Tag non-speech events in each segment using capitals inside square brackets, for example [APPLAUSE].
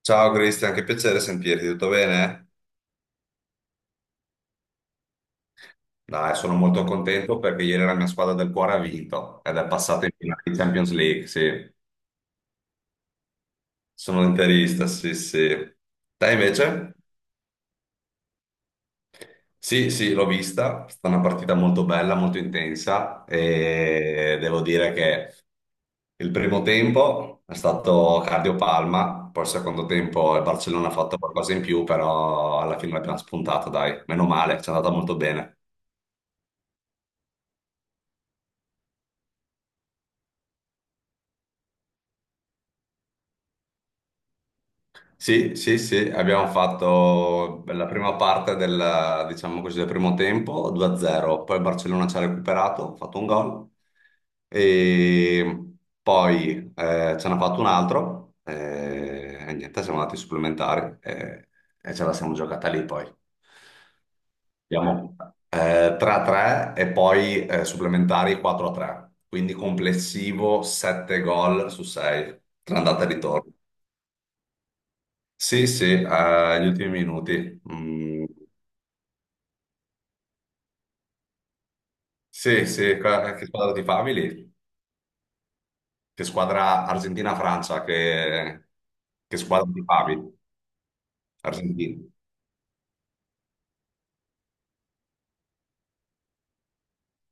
Ciao Cristian, che piacere sentirti, tutto bene? Dai, sono molto contento perché ieri la mia squadra del cuore ha vinto ed è passata in finale di Champions League, sì. Sono interista, sì, sì. Te invece? Sì, sì, l'ho vista, è stata una partita molto bella, molto intensa e devo dire che il primo tempo è stato cardiopalma, poi il secondo tempo il Barcellona ha fatto qualcosa in più, però alla fine l'abbiamo spuntata, dai, meno male, ci è andata molto bene. Sì, sì, sì, abbiamo fatto la prima parte del, diciamo così, del primo tempo 2-0, poi il Barcellona ci ha recuperato, ha fatto un gol e poi ce n'ha fatto un altro e niente, siamo andati ai supplementari e ce la siamo giocata lì poi. Abbiamo 3-3 e poi supplementari 4-3, quindi complessivo 7 gol su 6, tra andata e ritorno. Sì, sì, agli ultimi minuti. Mm, sì, sì, che squadra ti favi lì? Che squadra Argentina-Francia, che squadra ti favi? Argentina.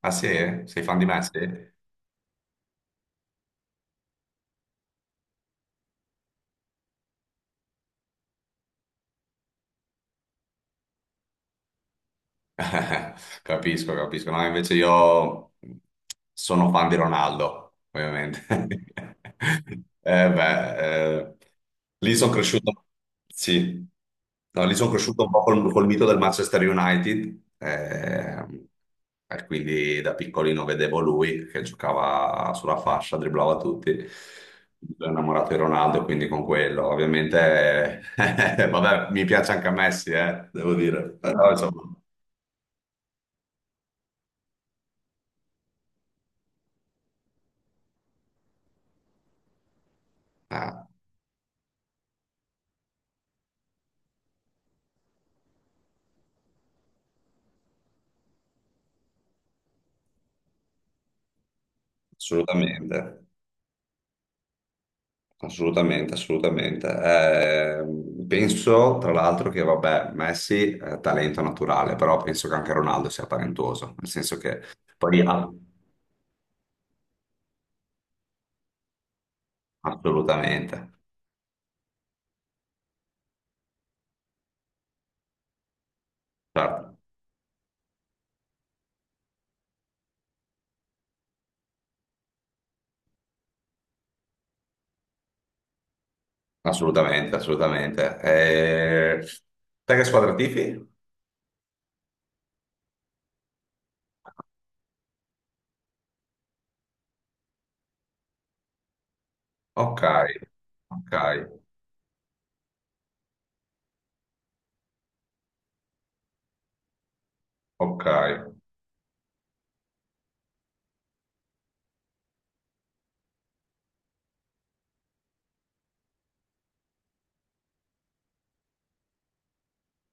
Ah sì? Sei fan di Messi? [LAUGHS] Capisco, capisco. No, invece io sono fan di Ronaldo, ovviamente. [LAUGHS] Eh beh, lì sono cresciuto, sì. No, lì sono cresciuto un po' col, col mito del Manchester United, e quindi da piccolino vedevo lui che giocava sulla fascia, dribblava tutti. Sono innamorato di Ronaldo, quindi con quello, ovviamente, [LAUGHS] vabbè, mi piace anche a Messi, devo dire, però insomma. Ah, assolutamente, assolutamente, assolutamente. Penso tra l'altro che, vabbè, Messi è talento naturale, però penso che anche Ronaldo sia talentuoso, nel senso che poi assolutamente, certo, assolutamente, assolutamente. Eh, te che squadra tifi? Ok, ok, ok,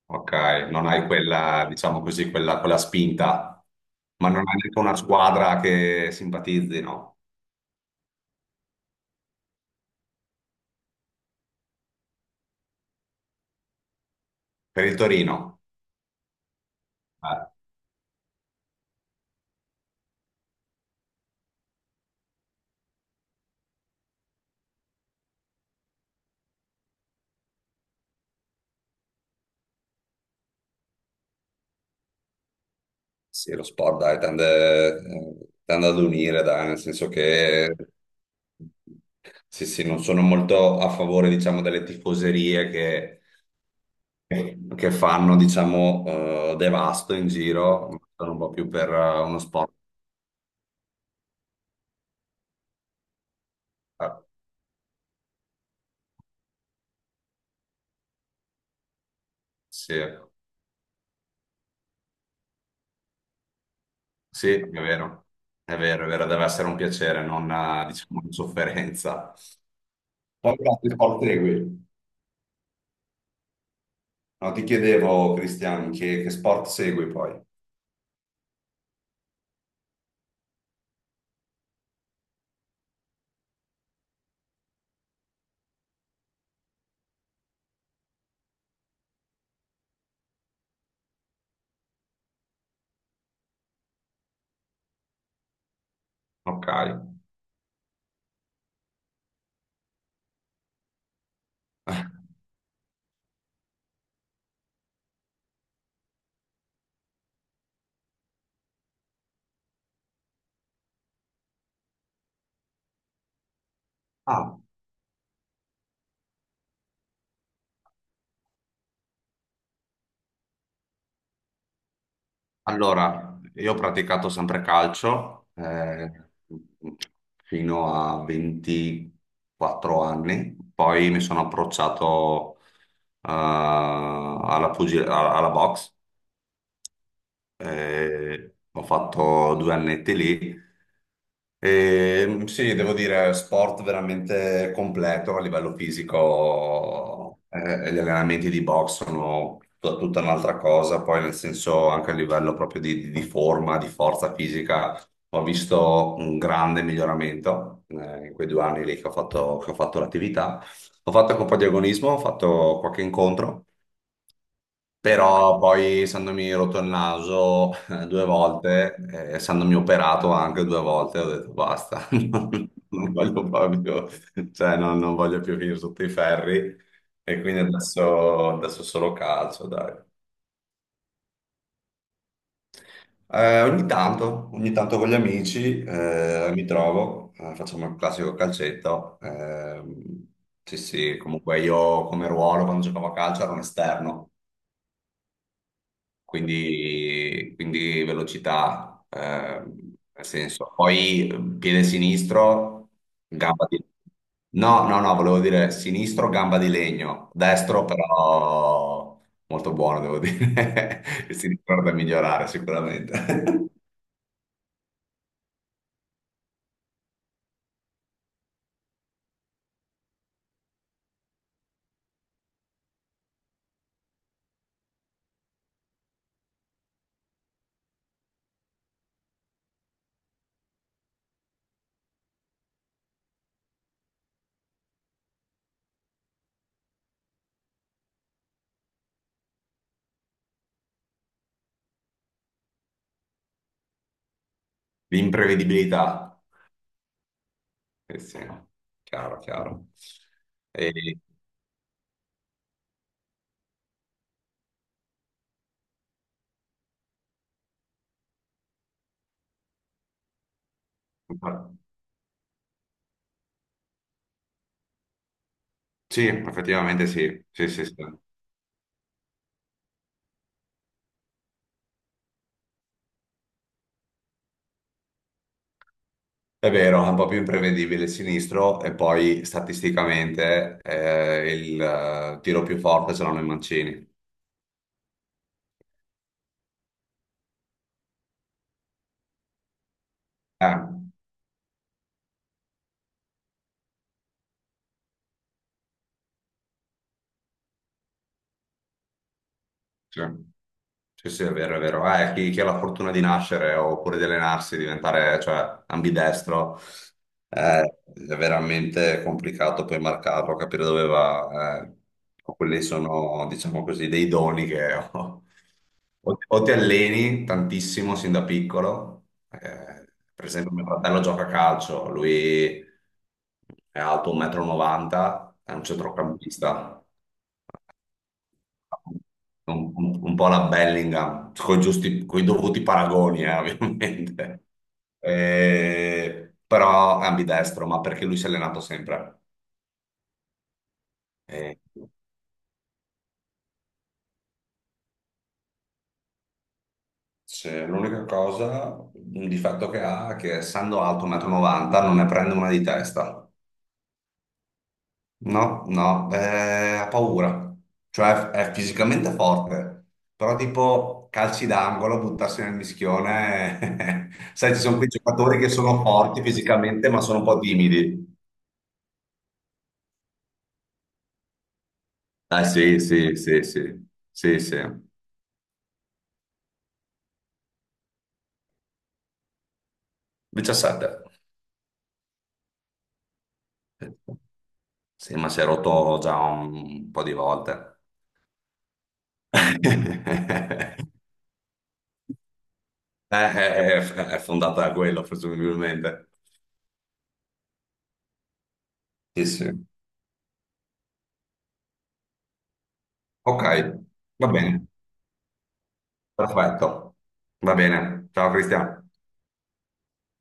ok, non hai quella, diciamo così, quella spinta, ma non hai neanche una squadra che simpatizzi, no? Per il Torino. Ah, sì, lo sport dai, tende ad unire, dai, nel senso che sì, sì, non sono molto a favore, diciamo, delle tifoserie che fanno, diciamo, devasto in giro, ma sono un po' più per uno sport. Ah, sì, sì, è vero, è vero, è vero, deve essere un piacere, non, diciamo, una sofferenza. Poi che altri sport segui? No, ti chiedevo, Cristian, che sport segui poi? Ok. Ah, allora, io ho praticato sempre calcio fino a 24 anni, poi mi sono approcciato alla, alla box ho fatto due annetti lì. E, sì, devo dire, sport veramente completo a livello fisico, gli allenamenti di box sono tutta un'altra cosa, poi nel senso anche a livello proprio di, di forma, di forza fisica, ho visto un grande miglioramento in quei due anni lì che ho fatto l'attività. Ho fatto anche un po' di agonismo, ho fatto qualche incontro. Però poi, essendomi rotto il naso due volte, essendomi operato anche due volte, ho detto basta, [LAUGHS] non voglio proprio, cioè non voglio più finire sotto i ferri. E quindi adesso solo calcio, dai. Ogni tanto con gli amici mi trovo, facciamo il classico calcetto. Sì, sì, comunque io come ruolo quando giocavo a calcio ero un esterno. Quindi velocità, nel senso. Poi piede sinistro, gamba di... No, no, no, volevo dire sinistro, gamba di legno, destro però molto buono, devo dire. [LAUGHS] Il sinistro è da migliorare sicuramente. [LAUGHS] L'imprevedibilità. Eh sì, chiaro, chiaro. E- Sì, effettivamente sì, sì, sì, sì. È vero, è un po' più imprevedibile il sinistro e poi statisticamente il tiro più forte ce l'hanno i mancini. Eh. Sì, sì, sì, è vero, è vero. Chi ha la fortuna di nascere oppure di allenarsi, diventare, cioè, ambidestro, è veramente complicato poi marcarlo, capire dove va. Quelli sono, diciamo così, dei doni che [LAUGHS] ho. O ti alleni tantissimo sin da piccolo, per esempio mio fratello gioca a calcio, lui è alto 1,90 m, è un centrocampista, un po' la Bellingham, con giusti, coi dovuti paragoni, [LAUGHS] ovviamente. Però è ambidestro, ma perché lui si è allenato sempre. Eh, l'unica cosa, un difetto che ha è che essendo alto 1,90 m non ne prende una di testa. No, no, ha paura, cioè è fisicamente forte, però tipo calci d'angolo, buttarsi nel mischione, [LAUGHS] sai, ci sono quei giocatori che sono forti fisicamente ma sono un po' timidi. Ah sì, sì, sì, sì, sì, sì, 17. Sì, ma si è rotto già un po' di volte. [LAUGHS] È fondata da quello, presumibilmente. Sì, sì. Ok, va bene. Perfetto, va bene. Ciao Cristian.